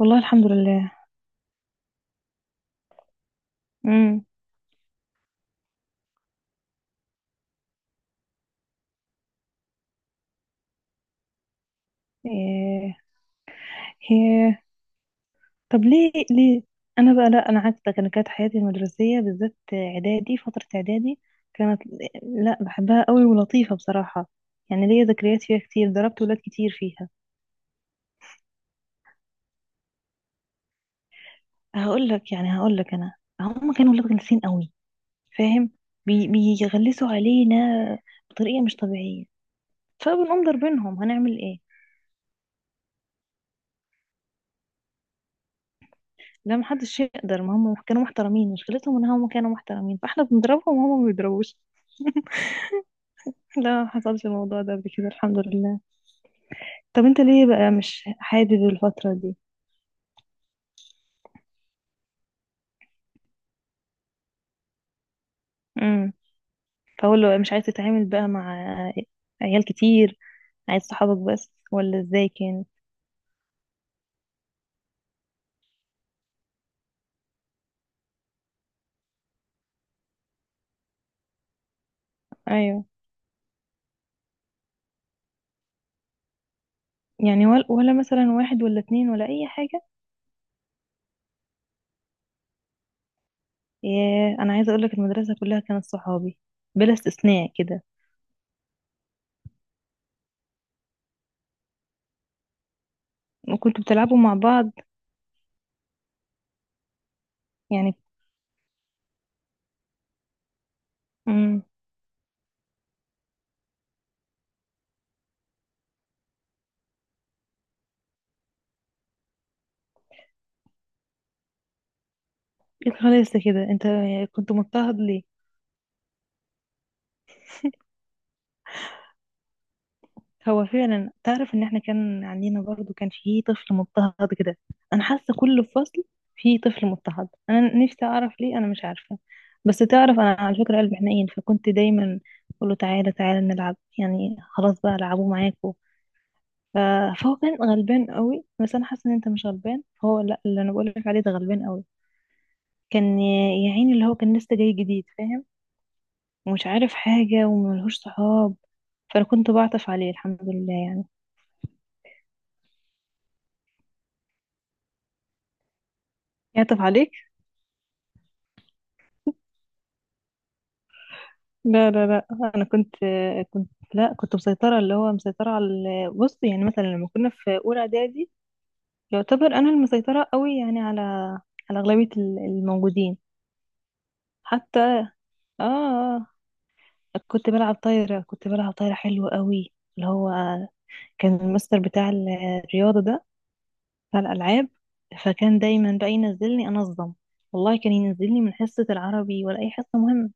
والله الحمد لله. امم. إيه. إيه. طب ليه؟ انا بقى لا، انا عكسك. انا كانت حياتي المدرسيه، بالذات اعدادي، فتره اعدادي كانت، لا، بحبها قوي ولطيفه بصراحه. يعني ليا ذكريات فيها كتير. ضربت ولاد كتير فيها. هقول لك انا، هم كانوا ولاد غلسين قوي، فاهم؟ بيغلسوا علينا بطريقه مش طبيعيه، فبنقوم ضربينهم، هنعمل ايه؟ لا محدش يقدر. ما هم كانوا محترمين، مشكلتهم ان هم كانوا محترمين، فاحنا بنضربهم وهم ما بيضربوش. لا حصلش الموضوع ده قبل كده الحمد لله. طب انت ليه بقى مش حابب الفترة دي؟ امم. فاقول له مش عايز تتعامل بقى مع عيال كتير، عايز صحابك بس، ولا ازاي كان؟ ايوه. يعني ولا مثلا واحد ولا اتنين ولا اي حاجة؟ ياه، انا عايزة اقولك المدرسة كلها كانت صحابي، بلا استثناء كده. وكنتوا بتلعبوا مع بعض؟ يعني امم. خلاص، كده انت كنت مضطهد ليه؟ هو فعلا تعرف ان احنا كان عندنا برضو كان فيه طفل مضطهد كده. انا حاسه كل فصل فيه طفل مضطهد. انا نفسي اعرف ليه، انا مش عارفه. بس تعرف، انا على فكره قلبي حنين، فكنت دايما اقول له تعالى تعالى نلعب، يعني خلاص بقى العبوا معاكوا. ف- فهو كان غلبان قوي. بس انا حاسه ان انت مش غلبان، فهو لا، اللي انا بقول لك عليه ده غلبان قوي. كان يا عيني اللي هو كان لسه جاي جديد، فاهم؟ ومش عارف حاجه وملهوش صحاب، فانا كنت بعطف عليه الحمد لله يعني. يعطف عليك. لا لا لا، انا كنت لا كنت مسيطره. اللي هو مسيطره على بص، يعني مثلا لما كنا في اولى اعدادي، يعتبر انا المسيطره قوي، يعني على اغلبيه الموجودين. حتى اه آه، كنت بلعب طايره حلوه قوي. اللي هو كان المستر بتاع الرياضه ده، بتاع الالعاب. فكان دايما بقى ينزلني انظم. والله كان ينزلني من حصه العربي ولا اي حصه مهمه،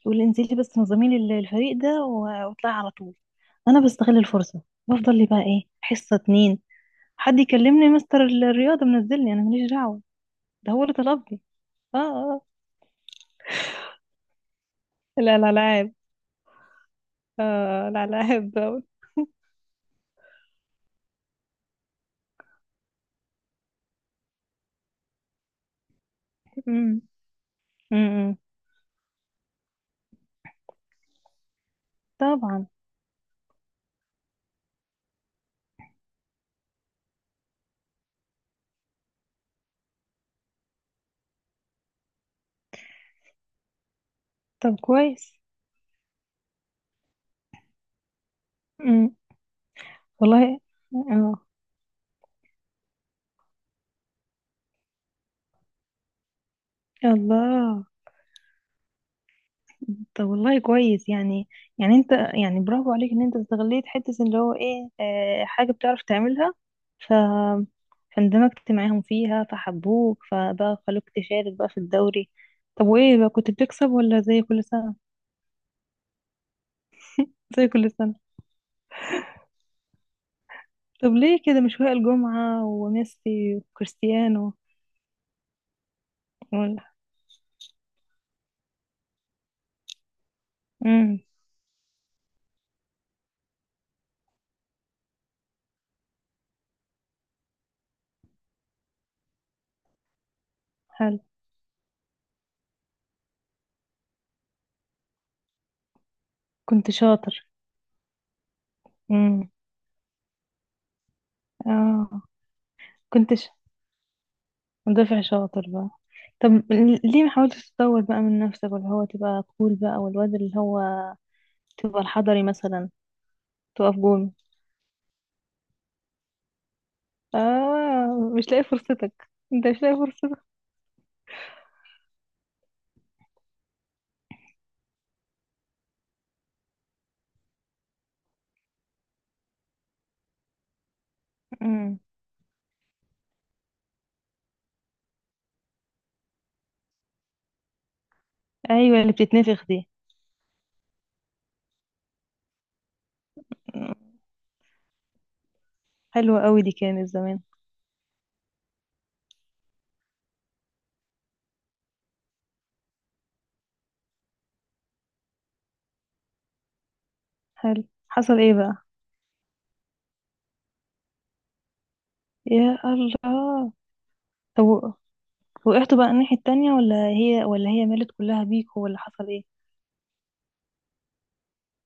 يقول لي انزلي بس نظمي لي الفريق ده واطلعي على طول. انا بستغل الفرصه، بفضل لي بقى ايه، حصه اتنين. حد يكلمني؟ مستر الرياضه منزلني، انا ماليش دعوه، ده هو اللي طلبني. اه. اه. لا لا، العاب. اه الالعاب دوت. أمم، أمم. طبعا. طب كويس. أمم، والله، اه، الله. طب والله كويس يعني. يعني انت، يعني، برافو عليك ان انت استغليت حتة اللي هو ايه اه حاجة بتعرف تعملها، ف فاندمجت معاهم فيها، فحبوك، فبقى خلوك تشارك بقى في الدوري. طب وايه بقى، كنت بتكسب ولا زي كل سنة؟ زي كل سنة. طب ليه كده، مش وائل جمعة وميسي وكريستيانو؟ ولا. امم. حلو. كنت شاطر. امم. اه. كنت مدافع شاطر بقى. طب ليه ما حاولتش تطور بقى من نفسك، ولا هو تبقى كول بقى والواد اللي هو، تبقى الحضري مثلا. تقف جون. اه، مش لاقي فرصتك، انت مش لاقي فرصتك. امم. ايوه اللي بتتنفخ دي. مم. حلوة قوي دي كانت زمان. حلو. حصل ايه بقى؟ يا الله. طب وقعتوا بقى الناحية التانية، ولا هي مالت كلها بيك، ولا حصل ايه؟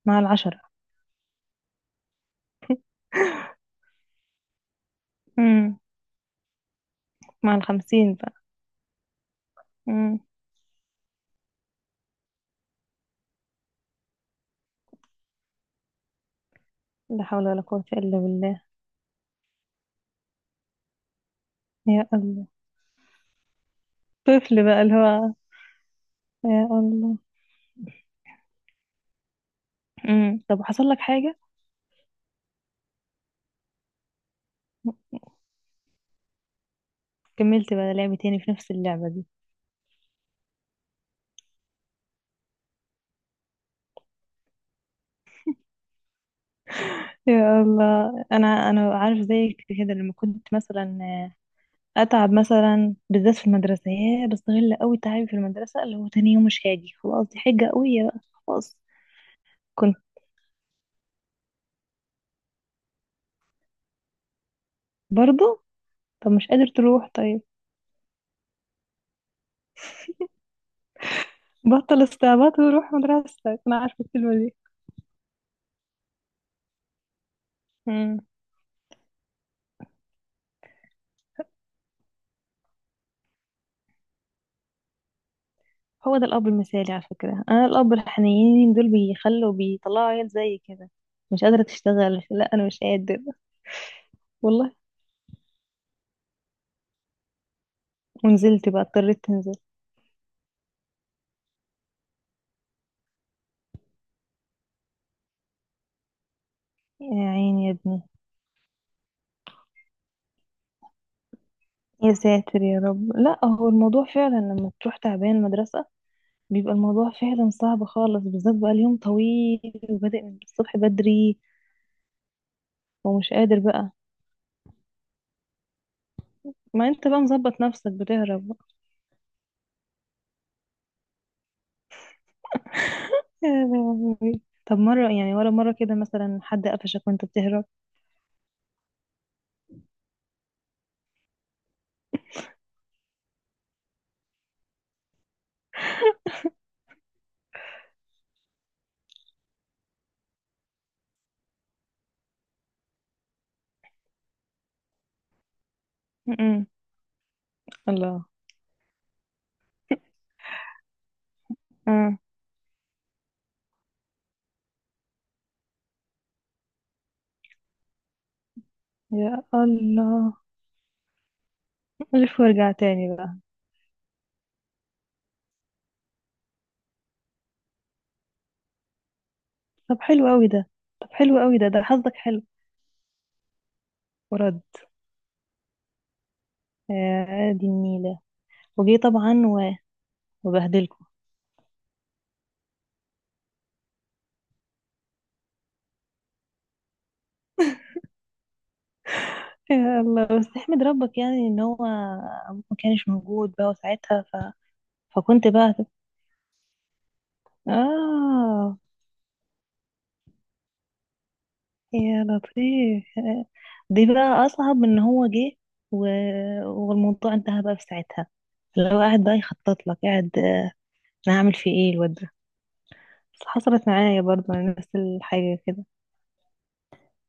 مع العشرة. امم. مع الخمسين بقى. امم. لا حول ولا قوة إلا بالله. يا الله. طفل بقى اللي هو. يا الله. امم، طب حصل لك حاجة؟ كملت بقى لعب تاني في نفس اللعبة دي؟ يا الله. انا عارف زيك كده. لما كنت مثلا اتعب مثلا بالذات في المدرسه، يا بستغل قوي تعبي في المدرسه، اللي هو تاني يوم مش هاجي، خلاص دي حجه قويه بقى. خلاص. كنت برضو. طب مش قادر تروح طيب. بطل استعباط وروح مدرستك، انا عارفه الكلمه دي. هو ده الأب المثالي على فكرة. أنا الأب الحنينين دول بيخلوا بيطلعوا عيال زي كده. مش قادرة تشتغل، لا أنا مش قادر. والله. ونزلت بقى، اضطريت تنزل؟ يا عيني يا ابني. يا ساتر يا رب. لا، هو الموضوع فعلا لما تروح تعبان مدرسة، بيبقى الموضوع فعلا صعب خالص، بالذات بقى اليوم طويل وبادئ من الصبح بدري. ومش قادر بقى. ما انت بقى مظبط نفسك بتهرب. يا لهوي. طب مرة، يعني ولا مرة كده مثلا حد قفشك وانت بتهرب؟ م-م. الله. آه. يا الله. ألف وارجع تاني بقى. طب حلو قوي ده. طب حلو قوي ده، ده حظك حلو. ورد. يا دي النيلة. وجي طبعا وبهدلكوا. يا الله، بس احمد ربك يعني ان هو ابوك ما كانش موجود بقى وساعتها. فكنت بقى اه. يا لطيف. دي بقى اصعب من ان هو جه. و... والموضوع انتهى بقى في ساعتها. لو قاعد بقى يخطط لك، قاعد انا هعمل فيه ايه الواد ده. بس حصلت معايا برضه نفس الحاجة كده.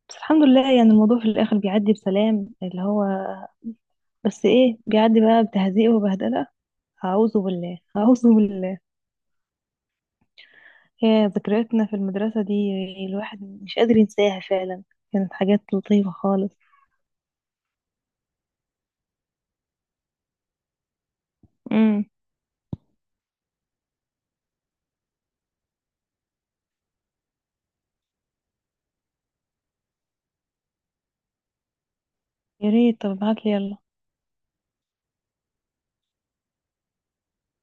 بس الحمد لله يعني الموضوع في الآخر بيعدي بسلام، اللي هو، بس ايه، بيعدي بقى بتهزيق وبهدلة. أعوذ بالله، أعوذ بالله. هي ذكرياتنا في المدرسة دي، الواحد مش قادر ينساها فعلا. كانت حاجات لطيفة خالص. امم. يا ريت، طب ابعتلي يلا.